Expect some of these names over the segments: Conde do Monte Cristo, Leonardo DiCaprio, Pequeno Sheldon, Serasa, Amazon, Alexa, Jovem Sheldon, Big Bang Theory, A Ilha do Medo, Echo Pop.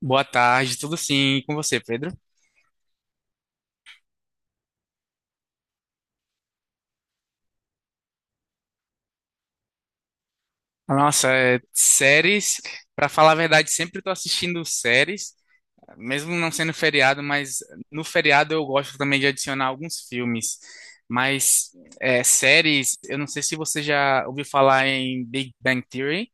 Boa tarde, tudo sim, e com você, Pedro? Nossa, séries, pra falar a verdade, sempre tô assistindo séries, mesmo não sendo feriado, mas no feriado eu gosto também de adicionar alguns filmes. Mas séries, eu não sei se você já ouviu falar em Big Bang Theory.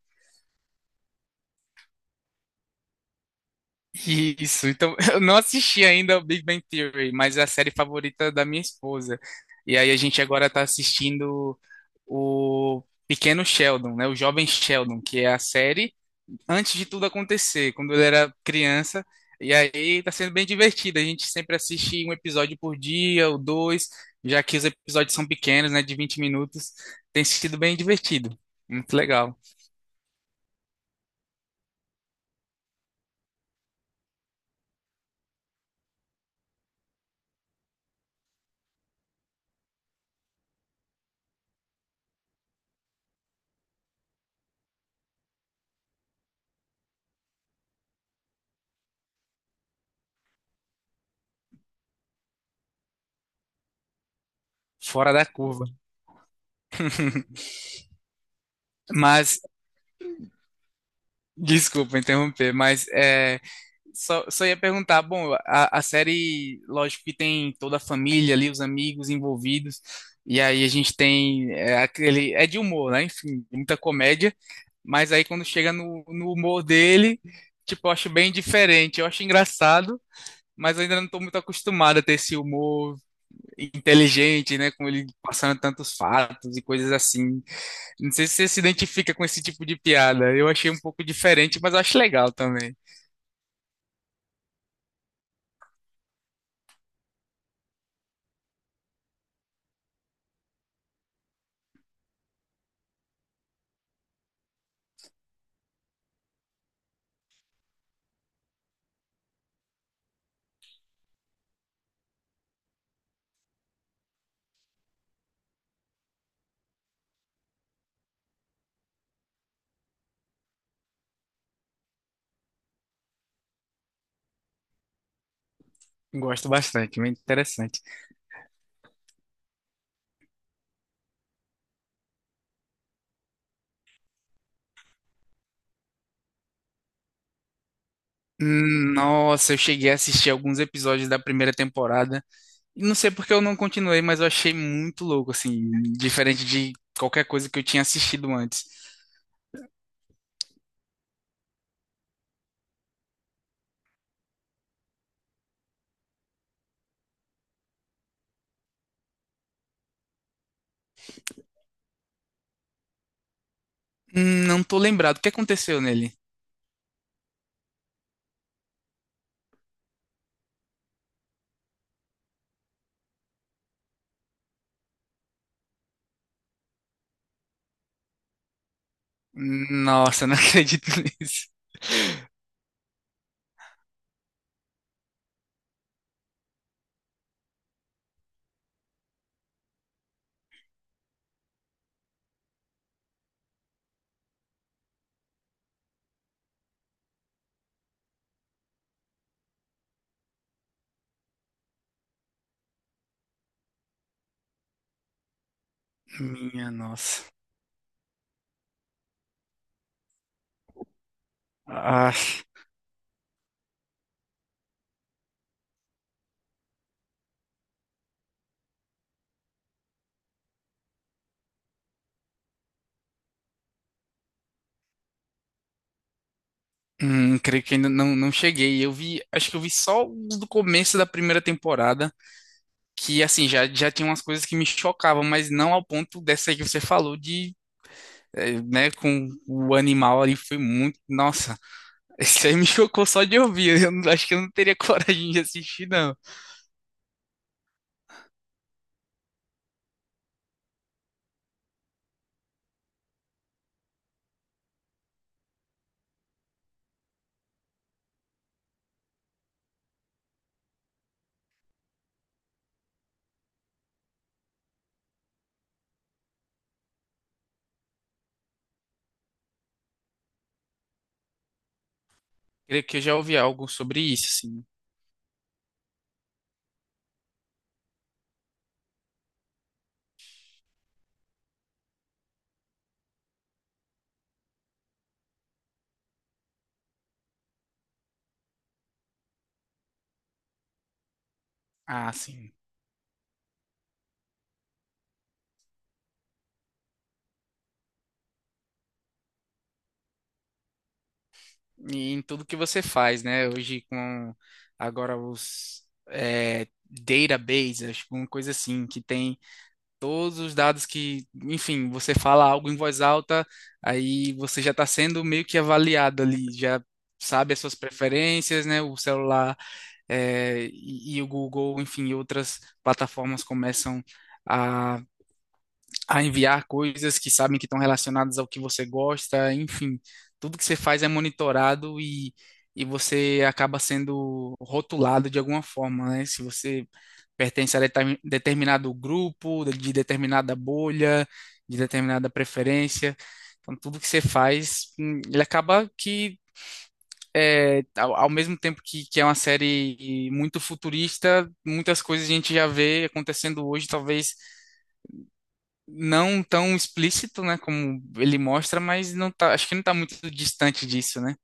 Isso, então eu não assisti ainda o Big Bang Theory, mas é a série favorita da minha esposa. E aí a gente agora tá assistindo o Pequeno Sheldon, né? O Jovem Sheldon, que é a série antes de tudo acontecer, quando ele era criança. E aí tá sendo bem divertido. A gente sempre assiste um episódio por dia ou dois, já que os episódios são pequenos, né, de 20 minutos. Tem sido bem divertido. Muito legal. Fora da curva. Mas, desculpa interromper, mas é. Só ia perguntar, bom, a série, lógico que tem toda a família ali, os amigos envolvidos, e aí a gente tem aquele, é de humor, né? Enfim, muita comédia, mas aí quando chega no humor dele, tipo, eu acho bem diferente, eu acho engraçado, mas eu ainda não estou muito acostumado a ter esse humor inteligente, né? Com ele passando tantos fatos e coisas assim. Não sei se você se identifica com esse tipo de piada, eu achei um pouco diferente, mas eu acho legal também. Gosto bastante, muito interessante. Nossa, eu cheguei a assistir alguns episódios da primeira temporada. E não sei porque eu não continuei, mas eu achei muito louco, assim, diferente de qualquer coisa que eu tinha assistido antes. Não tô lembrado. O que aconteceu nele? Nossa, não acredito nisso. Minha nossa. Ah, creio que ainda não, não cheguei. Eu vi, acho que eu vi só os do começo da primeira temporada, que assim, já tinha umas coisas que me chocavam, mas não ao ponto dessa aí que você falou de né, com o animal ali foi muito. Nossa, isso aí me chocou só de ouvir. Eu não- Acho que eu não teria coragem de assistir, não. Creio que eu já ouvi algo sobre isso, sim. Ah, sim. E em tudo que você faz, né? Hoje com agora os databases, acho que uma coisa assim, que tem todos os dados que, enfim, você fala algo em voz alta, aí você já está sendo meio que avaliado ali, já sabe as suas preferências, né? O celular e o Google, enfim, e outras plataformas começam a, a enviar coisas que sabem que estão relacionadas ao que você gosta, enfim, tudo que você faz é monitorado e você acaba sendo rotulado de alguma forma, né? Se você determinado grupo, de determinada bolha, de determinada preferência. Então, tudo que você faz, ele acaba que é, ao mesmo tempo que é uma série muito futurista, muitas coisas a gente já vê acontecendo hoje, talvez não tão explícito, né, como ele mostra, mas não tá, acho que não tá muito distante disso, né?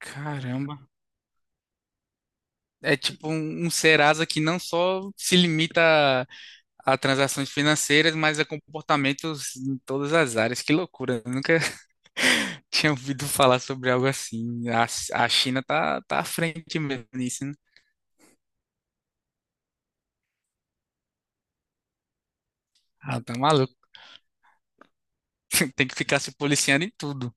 Caramba. É tipo um, um Serasa que não só se limita a transações financeiras, mas a comportamentos em todas as áreas. Que loucura. Eu nunca tinha ouvido falar sobre algo assim. A China tá, tá à frente mesmo nisso, né? Ah, tá maluco. Tem que ficar se policiando em tudo.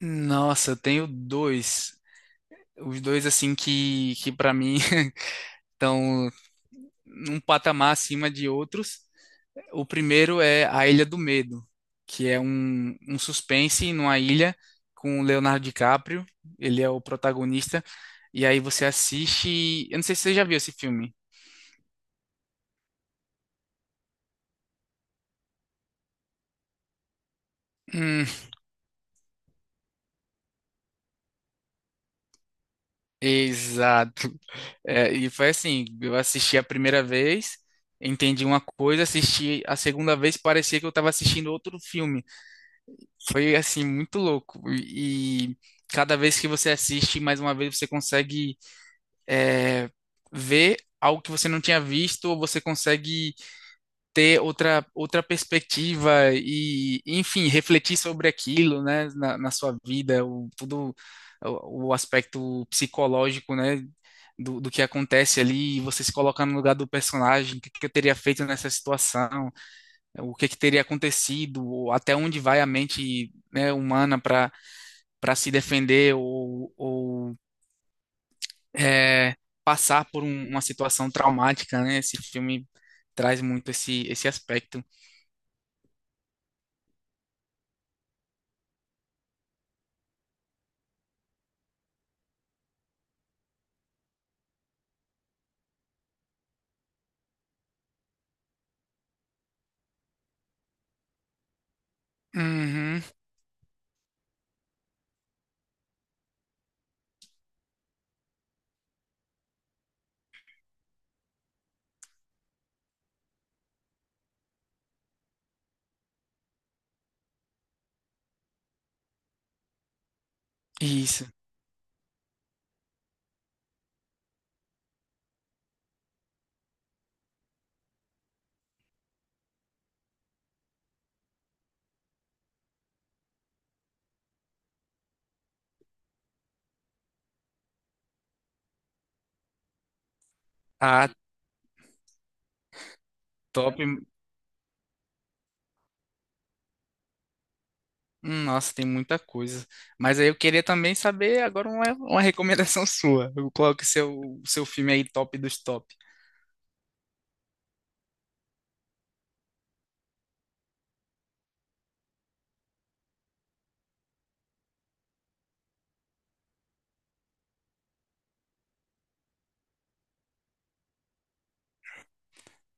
Nossa, eu tenho dois. Os dois, assim, que para mim estão num patamar acima de outros. O primeiro é A Ilha do Medo, que é um, um suspense numa ilha com o Leonardo DiCaprio. Ele é o protagonista. E aí você assiste. Eu não sei se você já viu esse filme. Exato. É, e foi assim, eu assisti a primeira vez, entendi uma coisa, assisti a segunda vez, parecia que eu estava assistindo outro filme. Foi assim, muito louco. E cada vez que você assiste, mais uma vez você consegue é, ver algo que você não tinha visto, ou você consegue ter outra, outra perspectiva e, enfim, refletir sobre aquilo, né, na, na sua vida, o, todo o aspecto psicológico, né, do, do que acontece ali, você se colocar no lugar do personagem, o que, que eu teria feito nessa situação, o que, que teria acontecido, ou até onde vai a mente, né, humana para para se defender ou é, uma situação traumática, né? Esse filme traz muito esse, esse aspecto. Uhum, isso. Ah, top. Nossa, tem muita coisa. Mas aí eu queria também saber agora uma recomendação sua. Qual que é o seu filme aí top dos top?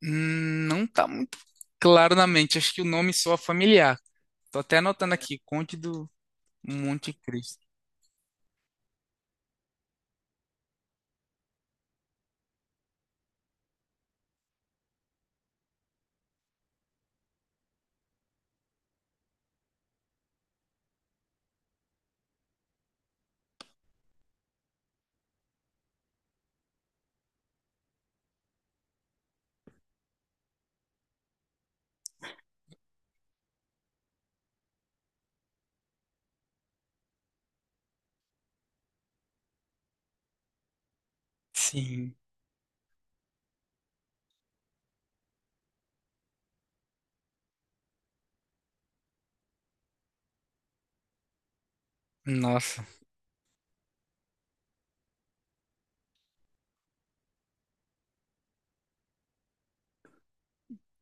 Não tá muito claro na mente. Acho que o nome soa familiar. Tô até anotando aqui, Conde do Monte Cristo. Sim, nossa,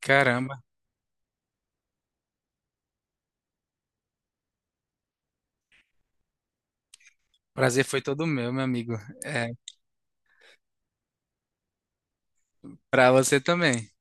caramba. Prazer foi todo meu, meu amigo. É, pra você também.